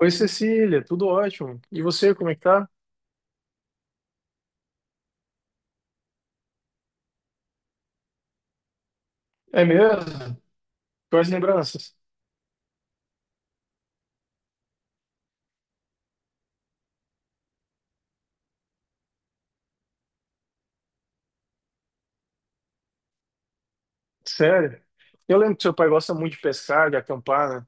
Oi, Cecília, tudo ótimo. E você, como é que tá? É mesmo? Quais lembranças? Sério? Eu lembro que seu pai gosta muito de pescar, de acampar, né?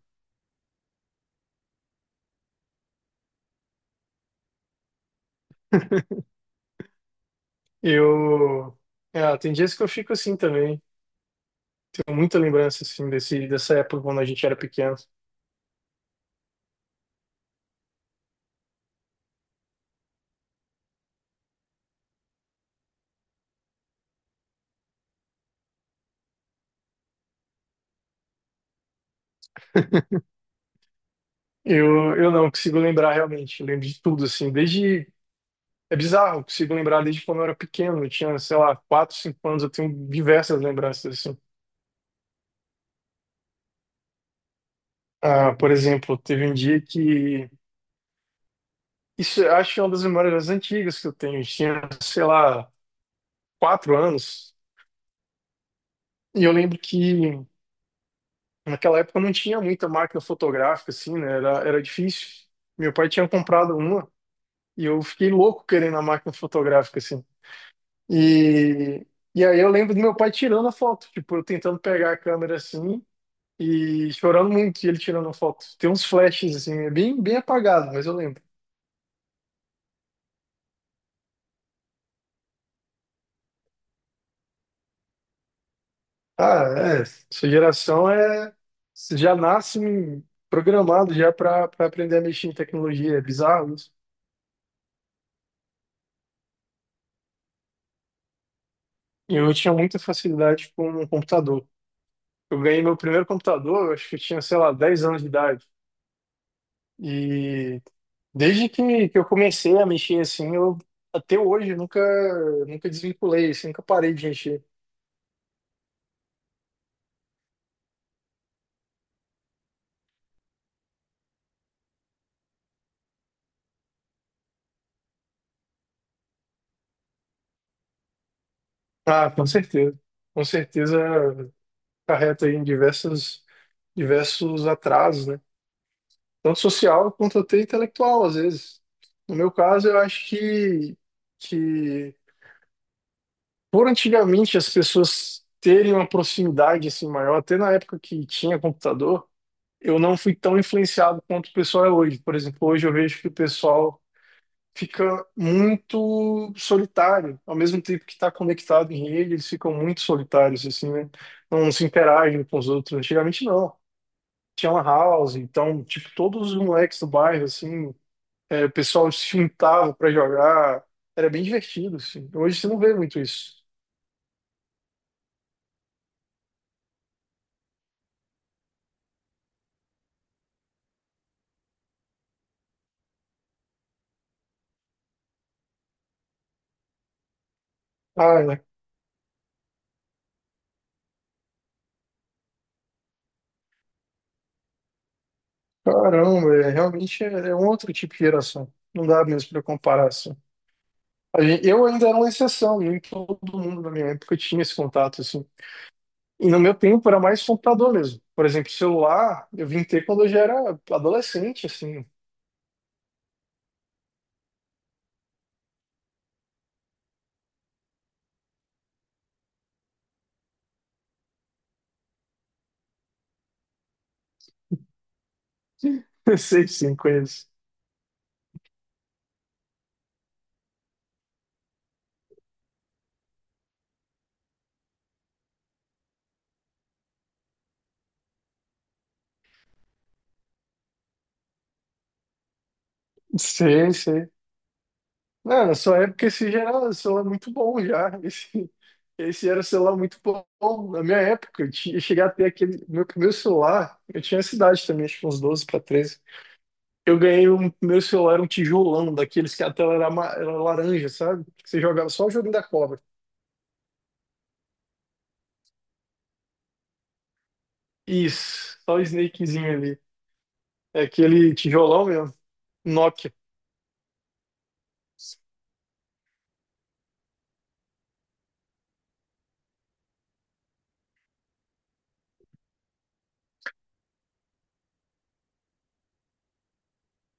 Eu. É, tem dias que eu fico assim também. Tenho muita lembrança, assim, dessa época quando a gente era pequeno. Eu não consigo lembrar realmente. Eu lembro de tudo, assim, desde. É bizarro, eu consigo lembrar desde quando eu era pequeno. Eu tinha, sei lá, 4, 5 anos, eu tenho diversas lembranças, assim. Ah, por exemplo, teve um dia que isso eu acho que é uma das memórias mais antigas que eu tenho. Eu tinha, sei lá, 4 anos. E eu lembro que naquela época não tinha muita máquina fotográfica, assim, né? Era difícil. Meu pai tinha comprado uma e eu fiquei louco querendo a máquina fotográfica, assim. E, e aí eu lembro do meu pai tirando a foto, tipo, eu tentando pegar a câmera assim e chorando muito ele tirando a foto. Tem uns flashes, assim, é bem apagado, mas eu lembro. Ah, é. Sua geração é já nasce programado já para aprender a mexer em tecnologia. É bizarro isso. E eu tinha muita facilidade com o computador. Eu ganhei meu primeiro computador, eu acho que eu tinha, sei lá, 10 anos de idade. E desde que eu comecei a mexer assim, eu até hoje nunca desvinculei, assim, nunca parei de mexer. Ah, com certeza. Com certeza carreta aí em diversos atrasos, né? Tanto social quanto até intelectual, às vezes. No meu caso, eu acho que por antigamente as pessoas terem uma proximidade assim maior, até na época que tinha computador, eu não fui tão influenciado quanto o pessoal é hoje. Por exemplo, hoje eu vejo que o pessoal fica muito solitário, ao mesmo tempo que está conectado em rede, eles ficam muito solitários assim, né? Não se interagem com os outros. Antigamente não. Tinha uma house, então, tipo, todos os moleques do bairro, assim, é, o pessoal se juntava pra jogar. Era bem divertido, assim. Hoje você não vê muito isso. Ah, é. Caramba, é, realmente é um outro tipo de geração. Não dá mesmo para comparar, assim. Eu ainda era uma exceção, nem todo mundo na minha época tinha esse contato, assim. E no meu tempo era mais computador mesmo. Por exemplo, celular, eu vim ter quando eu já era adolescente, assim. Sei, sim, conheço. Sei, sei. Não, na sua época esse já era um celular muito bom já. Esse era um celular muito bom. Na minha época, eu cheguei a ter aquele. Meu primeiro celular, eu tinha essa idade também, acho que uns 12 para 13. Eu ganhei um meu celular, um tijolão, daqueles que a tela era laranja, sabe? Que você jogava só o joguinho da cobra. Isso, só o Snakezinho ali. É aquele tijolão mesmo, Nokia.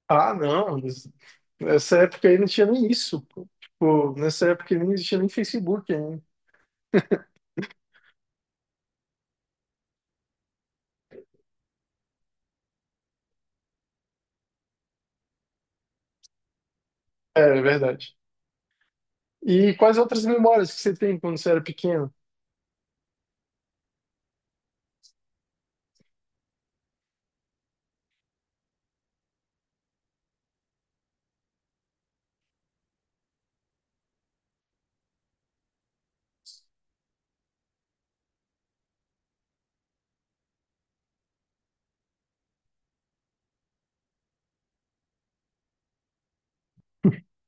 Ah, não, mas nessa época aí não tinha nem isso, pô. Tipo, nessa época aí não existia nem Facebook ainda. É, é verdade. E quais outras memórias que você tem quando você era pequeno?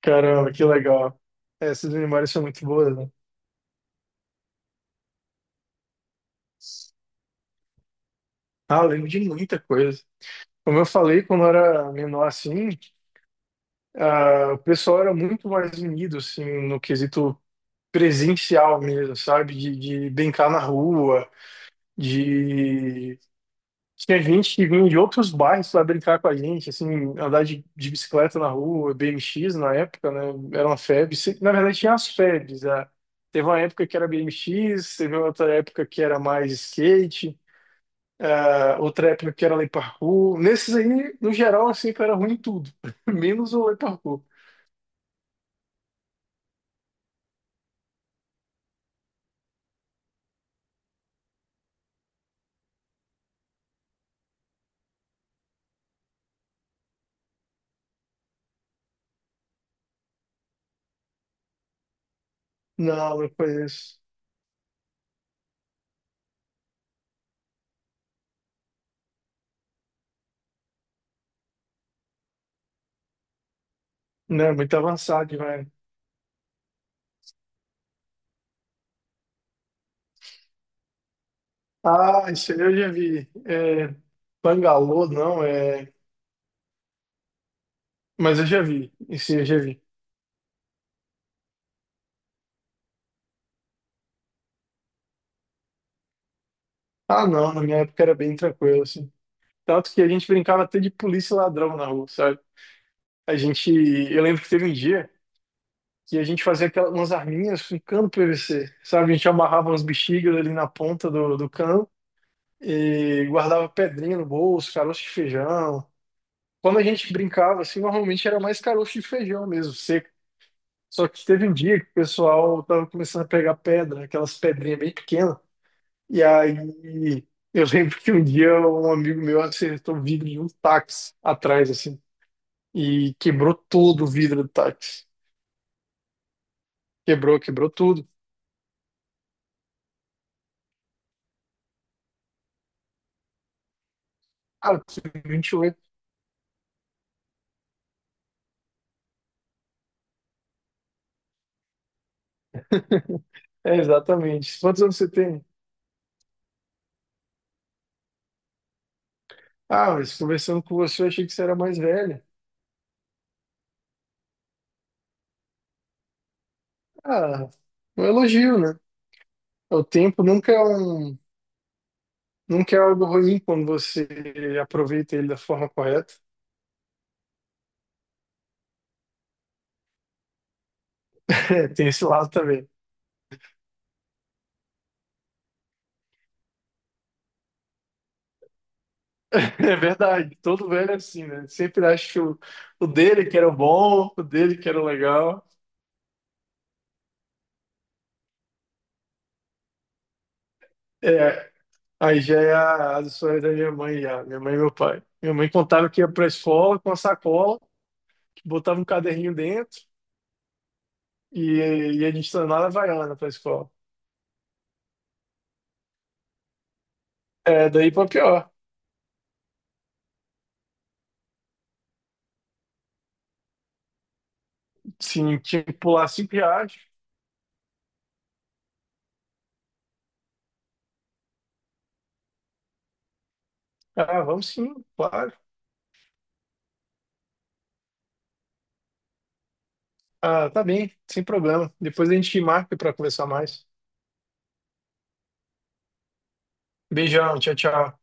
Caramba, que legal. É, essas memórias são muito boas, né? Ah, eu lembro de muita coisa. Como eu falei, quando eu era menor assim, ah, o pessoal era muito mais unido, assim, no quesito presencial mesmo, sabe? De brincar na rua, de Tinha gente que vinha de outros bairros para brincar com a gente, assim, andar de bicicleta na rua, BMX na época, né? Era uma febre. Na verdade, tinha as febres, ah. Teve uma época que era BMX, teve outra época que era mais skate, ah, outra época que era lei parkour. Nesses aí, no geral, eu sempre era ruim em tudo, menos o lei parkour. Não, não conheço. Não, muito avançado, velho. Ah, isso aí eu já vi. É, Bangalô, não, é. Mas eu já vi. Isso aí eu já vi. Ah, não, na minha época era bem tranquilo, assim. Tanto que a gente brincava até de polícia e ladrão na rua, sabe? Eu lembro que teve um dia que a gente fazia aquelas, umas arminhas com cano PVC, sabe? A gente amarrava umas bexigas ali na ponta do cano e guardava pedrinha no bolso, caroço de feijão. Quando a gente brincava, assim, normalmente era mais caroço de feijão mesmo, seco. Só que teve um dia que o pessoal tava começando a pegar pedra, aquelas pedrinhas bem pequenas, e aí, eu lembro que um dia um amigo meu acertou o vidro de um táxi atrás, assim, e quebrou todo o vidro do táxi. Quebrou, quebrou tudo. Ah, eu tenho 28. É, exatamente. Quantos anos você tem? Ah, mas conversando com você, eu achei que você era mais velha. Ah, um elogio, né? O tempo nunca é algo ruim quando você aproveita ele da forma correta. É, tem esse lado também. É verdade, todo velho é assim, né? Sempre acha o dele que era o bom, o dele que era o legal. É, aí já é as histórias da minha mãe, já, minha mãe e meu pai. Minha mãe contava que ia pra escola com a sacola, que botava um caderninho dentro e ia de sandália havaiana pra escola. É, daí pra pior. Sim, tinha que pular R$ 5. Ah, vamos sim, claro. Ah, tá bem, sem problema. Depois a gente marca pra conversar mais. Beijão, tchau, tchau.